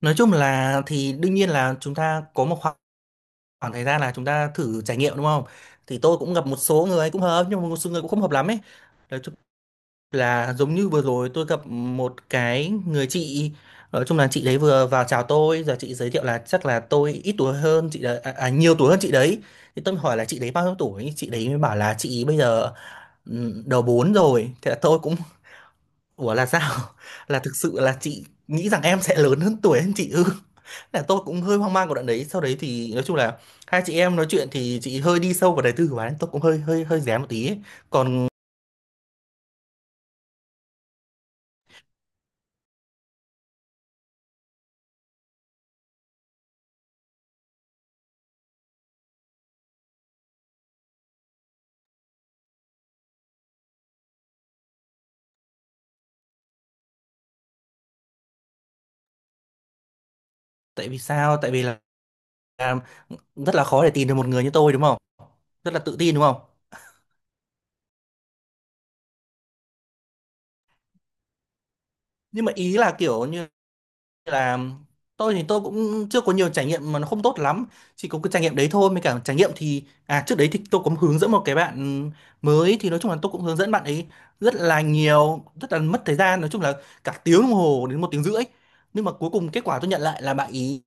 Nói chung là thì đương nhiên là chúng ta có một khoảng thời gian là chúng ta thử trải nghiệm đúng không? Thì tôi cũng gặp một số người cũng hợp nhưng mà một số người cũng không hợp lắm ấy. Nói chung là giống như vừa rồi tôi gặp một cái người chị, nói chung là chị đấy vừa vào chào tôi giờ chị giới thiệu là chắc là tôi ít tuổi hơn chị đấy nhiều tuổi hơn chị đấy. Thì tôi hỏi là chị đấy bao nhiêu tuổi? Chị đấy mới bảo là chị bây giờ đầu 4 rồi. Thế là tôi cũng ủa là sao? Là thực sự là chị nghĩ rằng em sẽ lớn hơn tuổi hơn chị ư? Là tôi cũng hơi hoang mang của đoạn đấy. Sau đấy thì nói chung là hai chị em nói chuyện thì chị hơi đi sâu vào đời tư của bạn ấy. Tôi cũng hơi hơi hơi rén một tí ấy. Còn tại vì sao? Tại vì là rất là khó để tìm được một người như tôi đúng không? Rất là tự tin đúng không? Nhưng mà ý là kiểu như là tôi thì tôi cũng chưa có nhiều trải nghiệm mà nó không tốt lắm, chỉ có cái trải nghiệm đấy thôi mới cả trải nghiệm thì trước đấy thì tôi cũng hướng dẫn một cái bạn mới, thì nói chung là tôi cũng hướng dẫn bạn ấy rất là nhiều, rất là mất thời gian, nói chung là cả tiếng đồng hồ đến một tiếng rưỡi, nhưng mà cuối cùng kết quả tôi nhận lại là bạn ý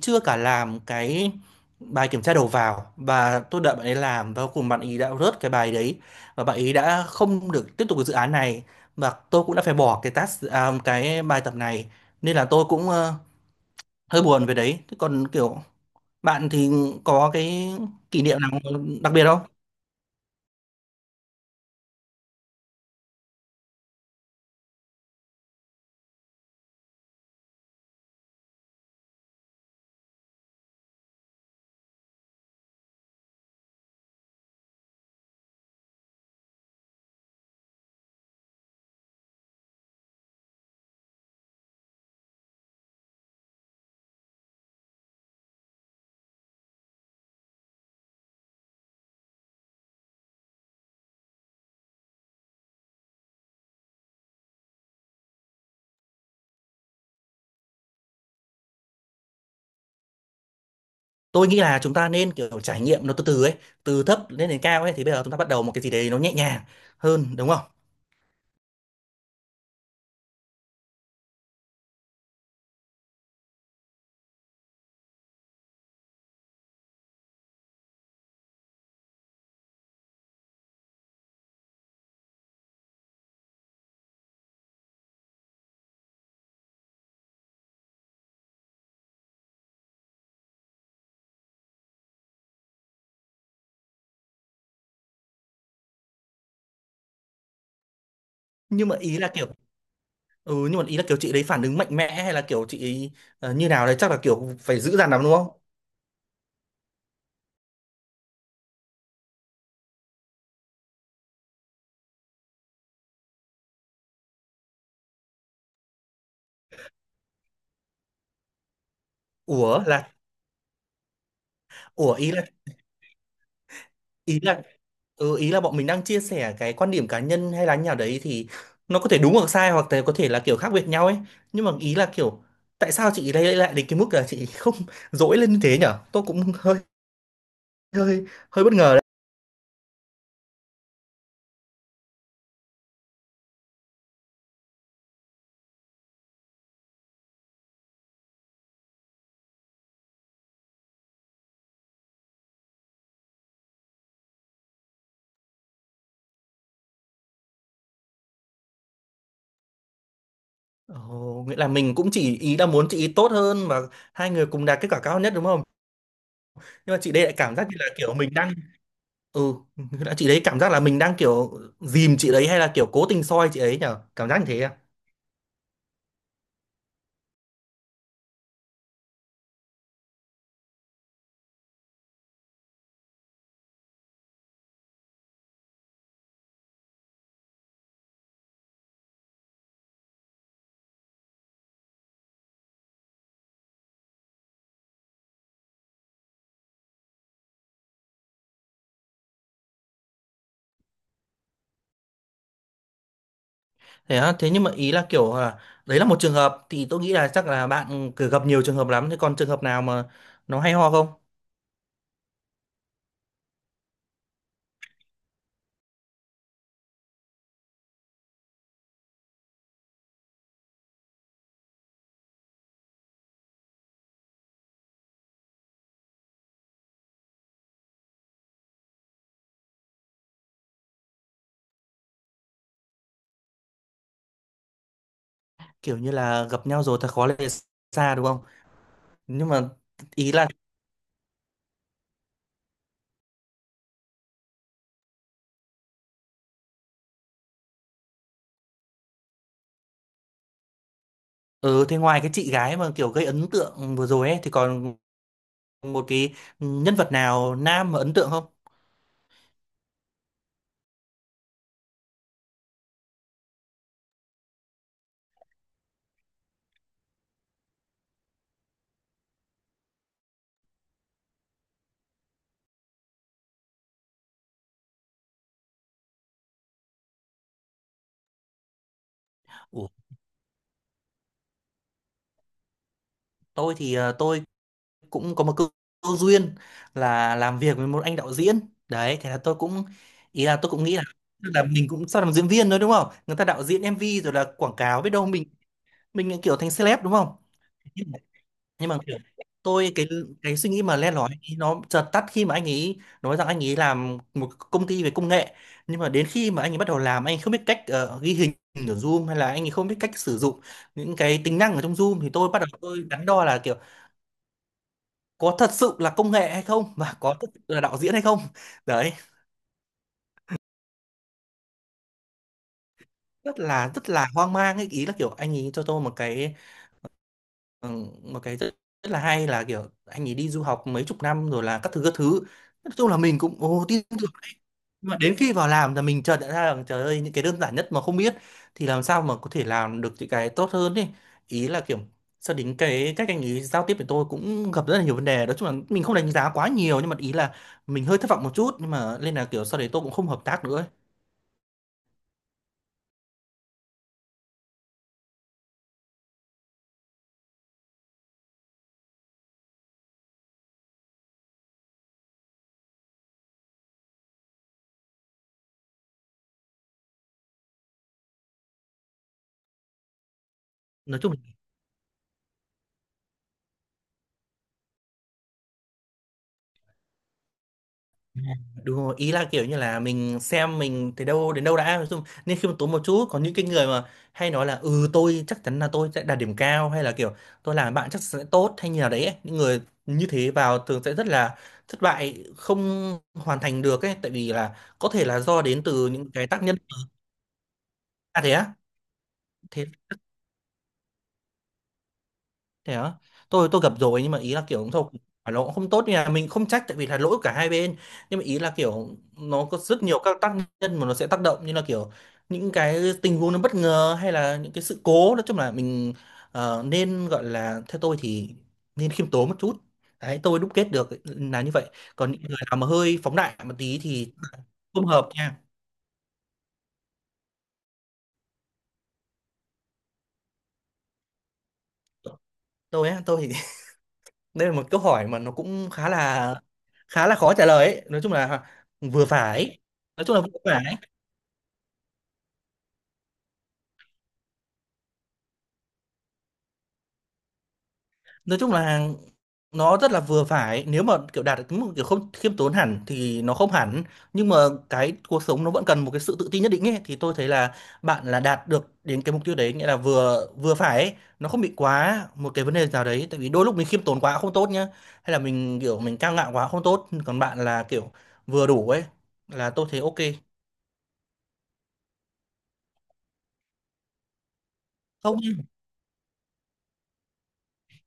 chưa cả làm cái bài kiểm tra đầu vào, và tôi đợi bạn ấy làm và cuối cùng bạn ấy đã rớt cái bài đấy và bạn ấy đã không được tiếp tục cái dự án này, và tôi cũng đã phải bỏ cái cái bài tập này. Nên là tôi cũng hơi buồn về đấy. Thế còn kiểu bạn thì có cái kỷ niệm nào đặc biệt không? Tôi nghĩ là chúng ta nên kiểu trải nghiệm nó từ từ ấy, từ thấp lên đến cao ấy, thì bây giờ chúng ta bắt đầu một cái gì đấy nó nhẹ nhàng hơn đúng không? Nhưng mà ý là kiểu ừ, nhưng mà ý là kiểu chị đấy phản ứng mạnh mẽ hay là kiểu chị ấy như nào đấy, chắc là kiểu phải dữ dằn lắm đúng không? Ủa là ủa ý là ừ, ý là bọn mình đang chia sẻ cái quan điểm cá nhân hay là như nào đấy, thì nó có thể đúng hoặc sai hoặc là có thể là kiểu khác biệt nhau ấy. Nhưng mà ý là kiểu tại sao chị đây lại đến cái mức là chị không dỗi lên như thế nhở? Tôi cũng hơi hơi hơi bất ngờ đấy. Ồ, nghĩa là mình cũng chỉ ý là muốn chị ý tốt hơn và hai người cùng đạt kết quả cao nhất đúng không? Nhưng mà chị đây lại cảm giác như là kiểu mình đang ừ đã chị đấy cảm giác là mình đang kiểu dìm chị đấy hay là kiểu cố tình soi chị ấy nhở, cảm giác như thế à? Thế á, thế nhưng mà ý là kiểu là đấy là một trường hợp, thì tôi nghĩ là chắc là bạn cứ gặp nhiều trường hợp lắm, thế còn trường hợp nào mà nó hay ho không? Kiểu như là gặp nhau rồi thật khó lìa xa đúng không? Nhưng mà ý là ừ, thế ngoài cái chị gái mà kiểu gây ấn tượng vừa rồi ấy thì còn một cái nhân vật nào nam mà ấn tượng không? Ủa, tôi cũng có một câu duyên là làm việc với một anh đạo diễn đấy, thế là tôi cũng ý là tôi cũng nghĩ là tức là mình cũng sao làm diễn viên thôi đúng không, người ta đạo diễn MV rồi là quảng cáo, biết đâu mình lại kiểu thành celeb đúng không? Nhưng mà nhưng mà kiểu tôi cái suy nghĩ mà len lỏi ấy, nó chợt tắt khi mà anh ấy nói rằng anh ấy làm một công ty về công nghệ. Nhưng mà đến khi mà anh ấy bắt đầu làm, anh ấy không biết cách ghi hình ở Zoom, hay là anh ấy không biết cách sử dụng những cái tính năng ở trong Zoom, thì tôi bắt đầu tôi đắn đo là kiểu có thật sự là công nghệ hay không và có thật sự là đạo diễn hay không. Đấy, rất là hoang mang ấy, ý là kiểu anh ấy cho tôi một cái rất là hay là, kiểu, anh ấy đi du học mấy chục năm rồi là các thứ. Nói chung là mình cũng, ồ, tin tưởng ấy. Nhưng mà đến khi vào làm là mình chợt nhận ra rằng trời ơi, những cái đơn giản nhất mà không biết thì làm sao mà có thể làm được những cái tốt hơn ấy. Ý là kiểu sau đến cái cách anh ấy giao tiếp với tôi cũng gặp rất là nhiều vấn đề. Nói chung là mình không đánh giá quá nhiều nhưng mà ý là mình hơi thất vọng một chút, nhưng mà nên là kiểu sau đấy tôi cũng không hợp tác nữa ấy. Nói chung đúng rồi, ý là kiểu như là mình xem mình thấy đâu đến đâu đã, nói chung nên khiêm tốn một chút. Có những cái người mà hay nói là ừ tôi chắc chắn là tôi sẽ đạt điểm cao hay là kiểu tôi làm bạn chắc sẽ tốt hay như nào đấy ấy, những người như thế vào thường sẽ rất là thất bại, không hoàn thành được ấy, tại vì là có thể là do đến từ những cái tác nhân. Ra thế á, thế thế á, tôi gặp rồi, nhưng mà ý là kiểu thôi phải nó cũng không tốt nha, mình không trách tại vì là lỗi của cả hai bên. Nhưng mà ý là kiểu nó có rất nhiều các tác nhân mà nó sẽ tác động, như là kiểu những cái tình huống nó bất ngờ hay là những cái sự cố, nói chung là mình nên gọi là theo tôi thì nên khiêm tốn một chút, đấy tôi đúc kết được là như vậy. Còn những người nào mà hơi phóng đại một tí thì không hợp nha. Tôi thì đây là một câu hỏi mà nó cũng khá là khó trả lời ấy. Nói chung là vừa phải, nói chung là vừa phải, nói chung là nó rất là vừa phải, nếu mà kiểu đạt được một kiểu không khiêm tốn hẳn thì nó không hẳn. Nhưng mà cái cuộc sống nó vẫn cần một cái sự tự tin nhất định ấy, thì tôi thấy là bạn là đạt được đến cái mục tiêu đấy, nghĩa là vừa vừa phải ấy. Nó không bị quá một cái vấn đề nào đấy, tại vì đôi lúc mình khiêm tốn quá cũng không tốt nhá, hay là mình kiểu mình cao ngạo quá cũng không tốt, còn bạn là kiểu vừa đủ ấy, là tôi thấy ok. không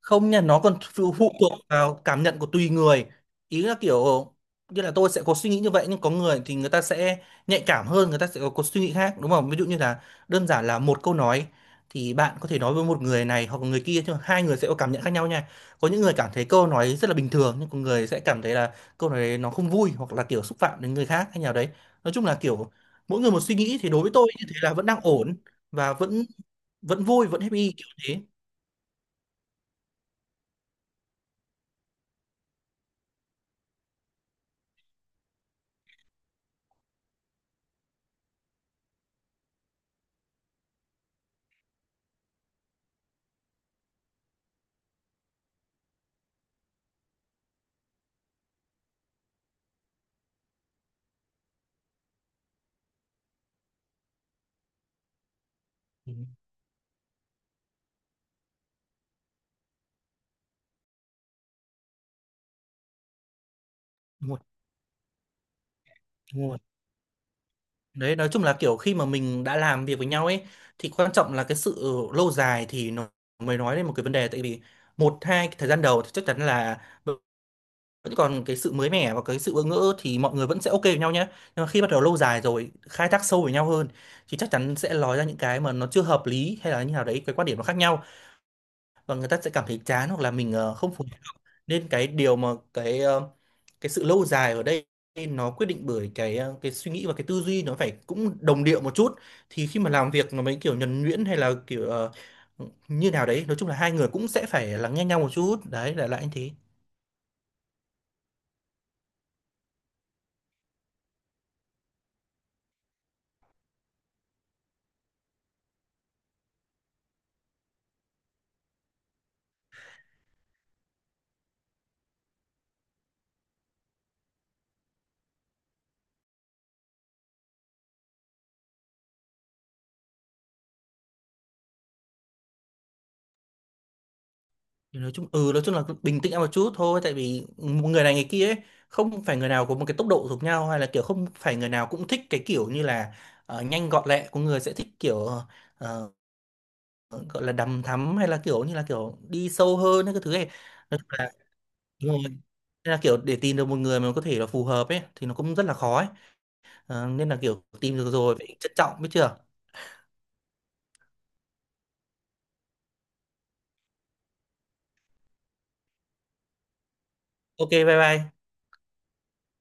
không nha, nó còn phụ phụ thuộc vào cảm nhận của tùy người. Ý là kiểu như là tôi sẽ có suy nghĩ như vậy nhưng có người thì người ta sẽ nhạy cảm hơn, người ta sẽ có suy nghĩ khác đúng không? Ví dụ như là đơn giản là một câu nói thì bạn có thể nói với một người này hoặc người kia nhưng hai người sẽ có cảm nhận khác nhau nha. Có những người cảm thấy câu nói rất là bình thường, nhưng có người sẽ cảm thấy là câu nói đấy nó không vui hoặc là kiểu xúc phạm đến người khác hay nào đấy, nói chung là kiểu mỗi người một suy nghĩ, thì đối với tôi như thế là vẫn đang ổn và vẫn vẫn vui vẫn happy kiểu thế. Ừ, đúng rồi, đúng rồi. Đấy, nói chung là kiểu khi mà mình đã làm việc với nhau ấy thì quan trọng là cái sự lâu dài, thì nó mới nói lên một cái vấn đề, tại vì một hai cái thời gian đầu thì chắc chắn là vẫn còn cái sự mới mẻ và cái sự bỡ ngỡ thì mọi người vẫn sẽ ok với nhau nhé. Nhưng mà khi bắt đầu lâu dài rồi, khai thác sâu với nhau hơn thì chắc chắn sẽ nói ra những cái mà nó chưa hợp lý hay là như nào đấy, cái quan điểm nó khác nhau, và người ta sẽ cảm thấy chán hoặc là mình không phù. Nên cái điều mà cái sự lâu dài ở đây nó quyết định bởi cái suy nghĩ và cái tư duy nó phải cũng đồng điệu một chút, thì khi mà làm việc nó mới kiểu nhuần nhuyễn hay là kiểu như nào đấy, nói chung là hai người cũng sẽ phải lắng nghe nhau một chút, đấy là lại anh thế. Thì nói chung ừ, nói chung là bình tĩnh một chút thôi, tại vì người này người kia ấy, không phải người nào có một cái tốc độ giống nhau hay là kiểu không phải người nào cũng thích cái kiểu như là nhanh gọn lẹ, có người sẽ thích kiểu ờ, gọi là đằm thắm hay là kiểu như là kiểu đi sâu hơn hay cái thứ này, nói chung là đúng rồi. Nên là kiểu để tìm được một người mà có thể là phù hợp ấy thì nó cũng rất là khó ấy. Ờ, nên là kiểu tìm được rồi phải trân trọng biết chưa. Ok bye bye.